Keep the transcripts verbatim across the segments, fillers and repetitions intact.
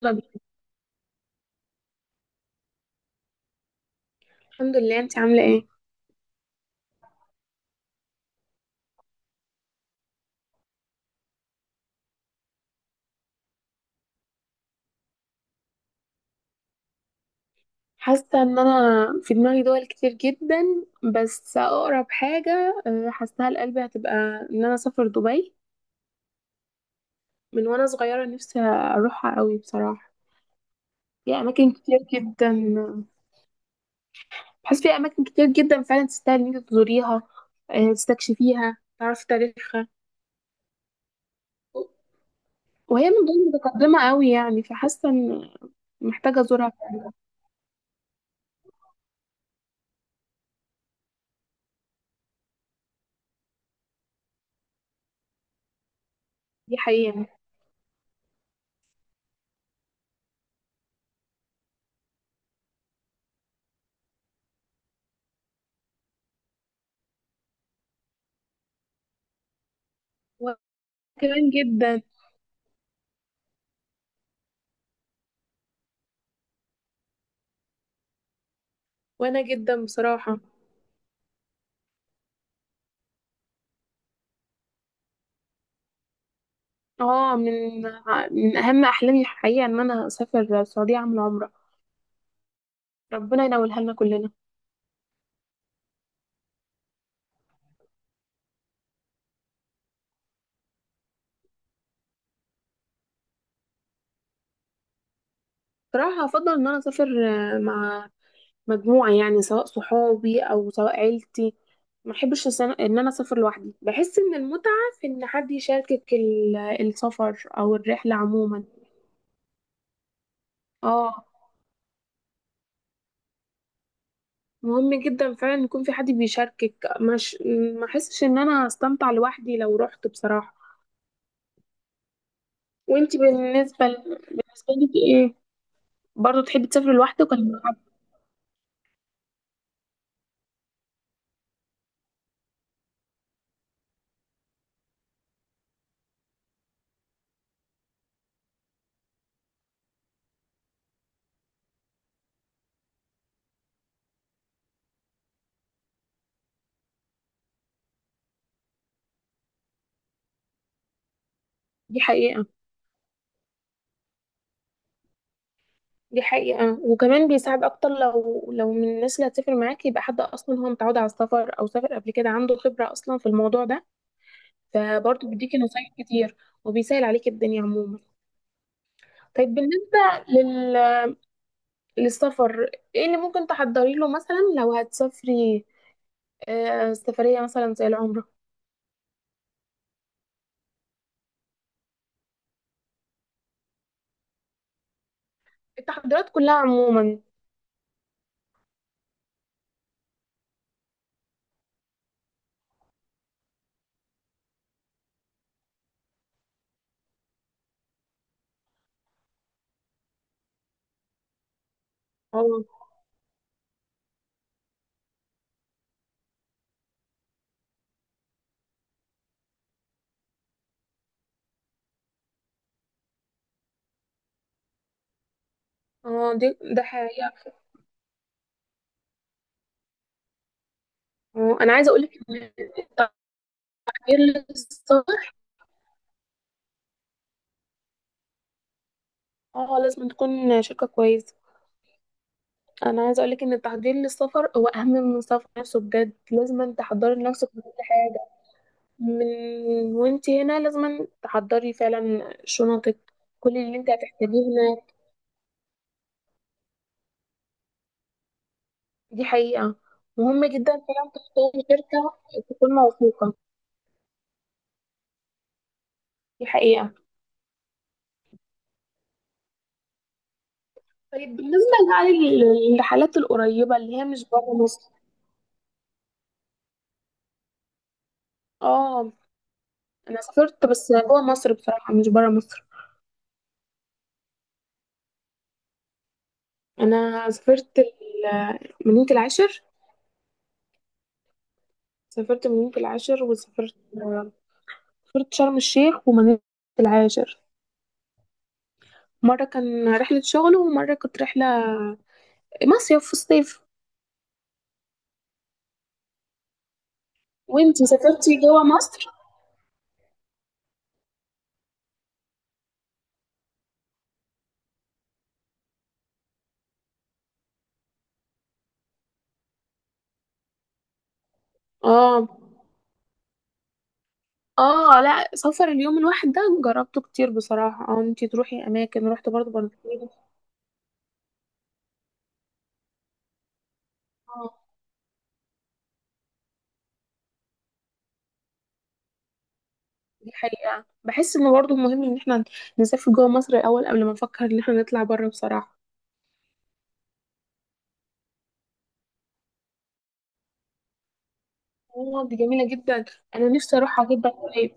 طب. الحمد لله، انت عاملة ايه؟ حاسة ان انا في دماغي دول كتير جدا. بس اقرب حاجة، اه، حاساها لقلبي، هتبقى ان انا اسافر دبي. من وانا صغيرة نفسي اروحها قوي بصراحة. في اماكن كتير جدا بحس في اماكن كتير جدا فعلا تستاهل ان انت تزوريها، اه، تستكشفيها، تعرفي تاريخها. وهي من دول متقدمة قوي يعني، فحاسة ان محتاجة ازورها فعلا. دي حقيقة. وانا كمان جدا. وانا جدا بصراحة. اه من ع- من اهم احلامي الحقيقه ان انا اسافر السعوديه اعمل عمره. ربنا ينولها لنا كلنا. صراحه افضل ان انا اسافر آه، مع مجموعه، يعني سواء صحابي او سواء عيلتي. ما احبش أس- ان انا اسافر لوحدي. بحس ان المتعه في ان حد يشاركك ال- السفر او الرحله عموما. اه. مهم جدا فعلا يكون في حد بيشاركك. مش ما احسش ان انا استمتع لوحدي لو رحت بصراحه. وانتي بالنسبه ل... بالنسبه لك ايه؟ برضه تحبي تسافري لوحدك ولا مع حد؟ دي حقيقة. دي حقيقة. وكمان بيساعد أكتر لو لو من الناس اللي هتسافر معاكي، يبقى حد أصلا هو متعود على السفر أو سافر قبل كده، عنده خبرة أصلا في الموضوع ده. فبرضه بيديكي نصايح كتير وبيسهل عليكي الدنيا عموما. طيب، بالنسبة لل... للسفر ايه اللي ممكن تحضري له مثلا لو هتسافري آه سفرية مثلا زي العمرة؟ التحضيرات كلها عموما. اه، اه، دي ده حقيقة. اه أنا عايزة أقولك إن التحضير للسفر اه لازم تكون شركة كويسة. انا عايزة اقولك ان التحضير للسفر هو اهم من السفر نفسه، بجد لازم تحضري نفسك في كل حاجة. من وانتي هنا لازم تحضري فعلا شنطك، كل اللي انت هتحتاجيه هناك. دي حقيقة. مهم جدا فعلا تختاري شركة تكون موثوقة. دي حقيقة. طيب بالنسبة بقى لل- للرحلات القريبة اللي هي مش بره مصر. اه. انا سافرت بس جوه مصر بصراحة، مش بره مصر. انا سافرت ال- من العاشر. سافرت مدينة العاشر، وسافرت سافرت شرم الشيخ ومدينة العاشر. مرة كان رحلة شغل، ومرة كانت رحلة مصيف في الصيف. وانتي سافرتي جوا مصر؟ اه، اه، لا، سفر اليوم الواحد ده جربته كتير بصراحة. اه، انتي تروحي اماكن رحت برضه بنطلون. اه، دي حقيقة. بحس انه برضه مهم ان احنا نسافر جوا مصر الاول قبل ما نفكر ان احنا نطلع بره بصراحة. اه، دي جميلة جدا، انا نفسي اروحها جدا قريب.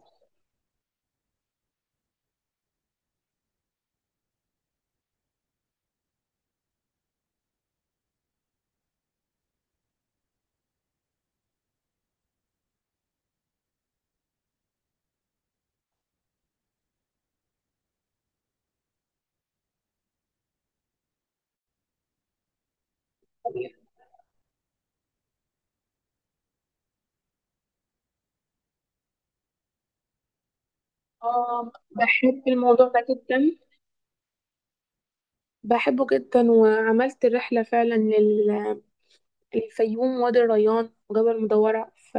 اه، بحب الموضوع ده جدا، بحبه جدا، وعملت الرحلة فعلا لل- للفيوم، وادي الريان، وجبل مدورة ف...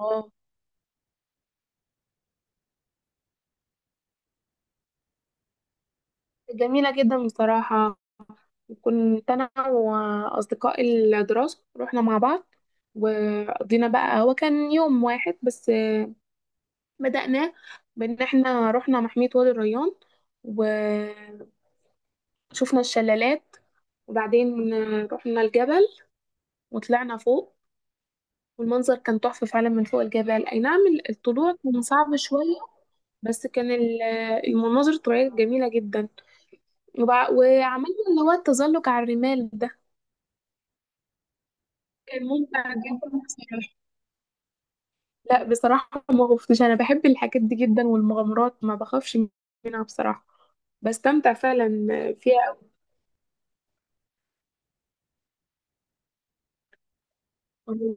اه، جميلة جدا بصراحة. كنت أنا وأصدقاء الدراسة رحنا مع بعض. وقضينا بقى، هو كان يوم واحد بس، بدأناه بإن احنا رحنا محمية وادي الريان وشفنا الشلالات. وبعدين رحنا الجبل وطلعنا فوق، والمنظر كان تحفة فعلا من فوق الجبل، أي نعم. الطلوع كان صعب شوية، بس كان ال- المناظر الطبيعية جميلة جدا. وبع- وعملنا اللي هو التزلج على الرمال ده، كان ممتع جدا بصراحة. لا بصراحة ما خفتش، أنا بحب الحاجات دي جدا والمغامرات ما بخافش منها بصراحة، بستمتع فعلا فيها. أوي.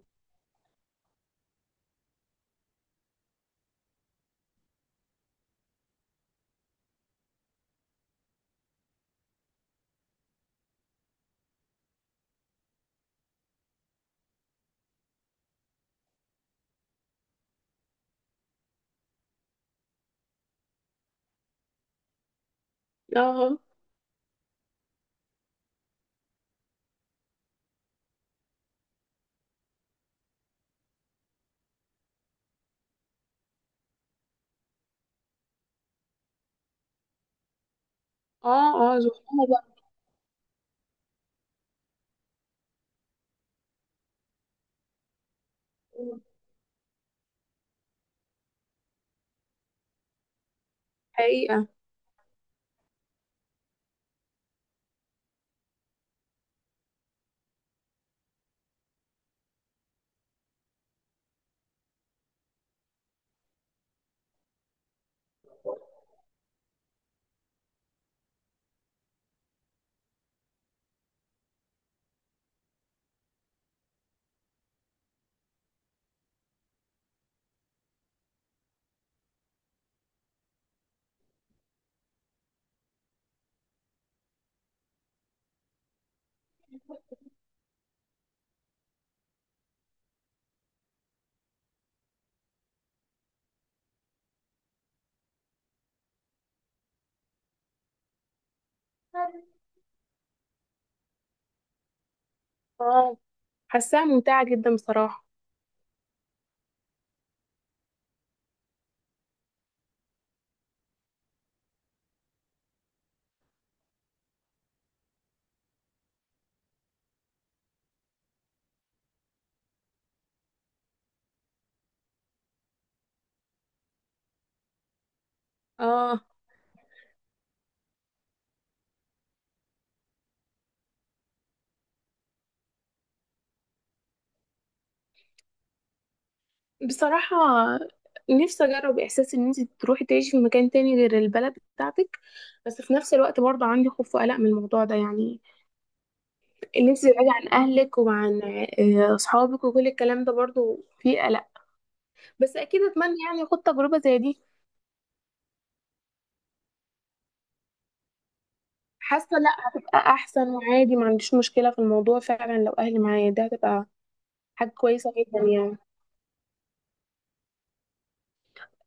اه، اه، اه، زحلوقة بقى، حقيقة. اه، حاساها ممتعة جدا بصراحة. اه بصراحة نفسي أجرب إحساس إن أنت تروحي تعيشي في مكان تاني غير البلد بتاعتك. بس في نفس الوقت برضه عندي خوف وقلق من الموضوع ده، يعني إن أنت تبعدي عن أهلك وعن آه، أصحابك وكل الكلام ده، برضه فيه قلق. بس أكيد أتمنى يعني أخد تجربة زي دي. حاسة لأ، هتبقى أحسن، وعادي ما عنديش مشكلة في الموضوع فعلا، لو أهلي معايا ده هتبقى حاجة كويسة جدا يعني.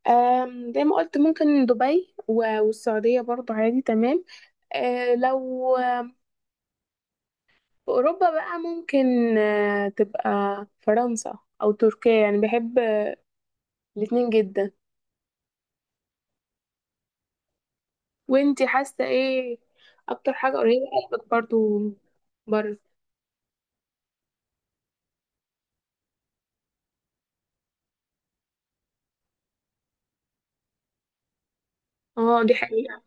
آم، زي ما قلت ممكن دبي و- والسعودية برضه، عادي تمام. آه، لو في أوروبا بقى ممكن آه، تبقى فرنسا أو تركيا، يعني بحب الاتنين جدا. وانتي حاسة ايه أكتر حاجة قريبة لقلبك برضو بره؟ اه، دي حقيقة.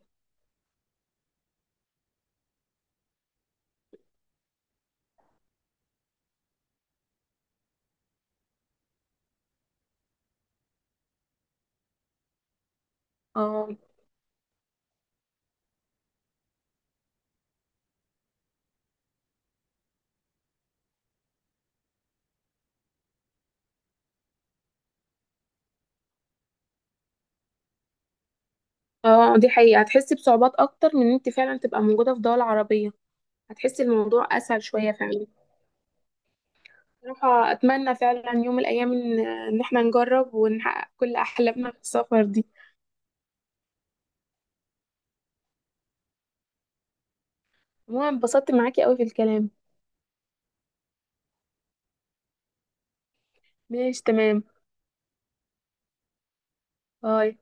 اه، اه، دي حقيقة. هتحسي بصعوبات أكتر من ان انتي فعلا تبقى موجودة في دول عربية، هتحسي الموضوع أسهل شوية فعلا. بصراحة أتمنى فعلا يوم من الأيام إن إن احنا نجرب ونحقق كل أحلامنا في السفر دي. عموما اتبسطت معاكي أوي في الكلام. ماشي تمام. باي.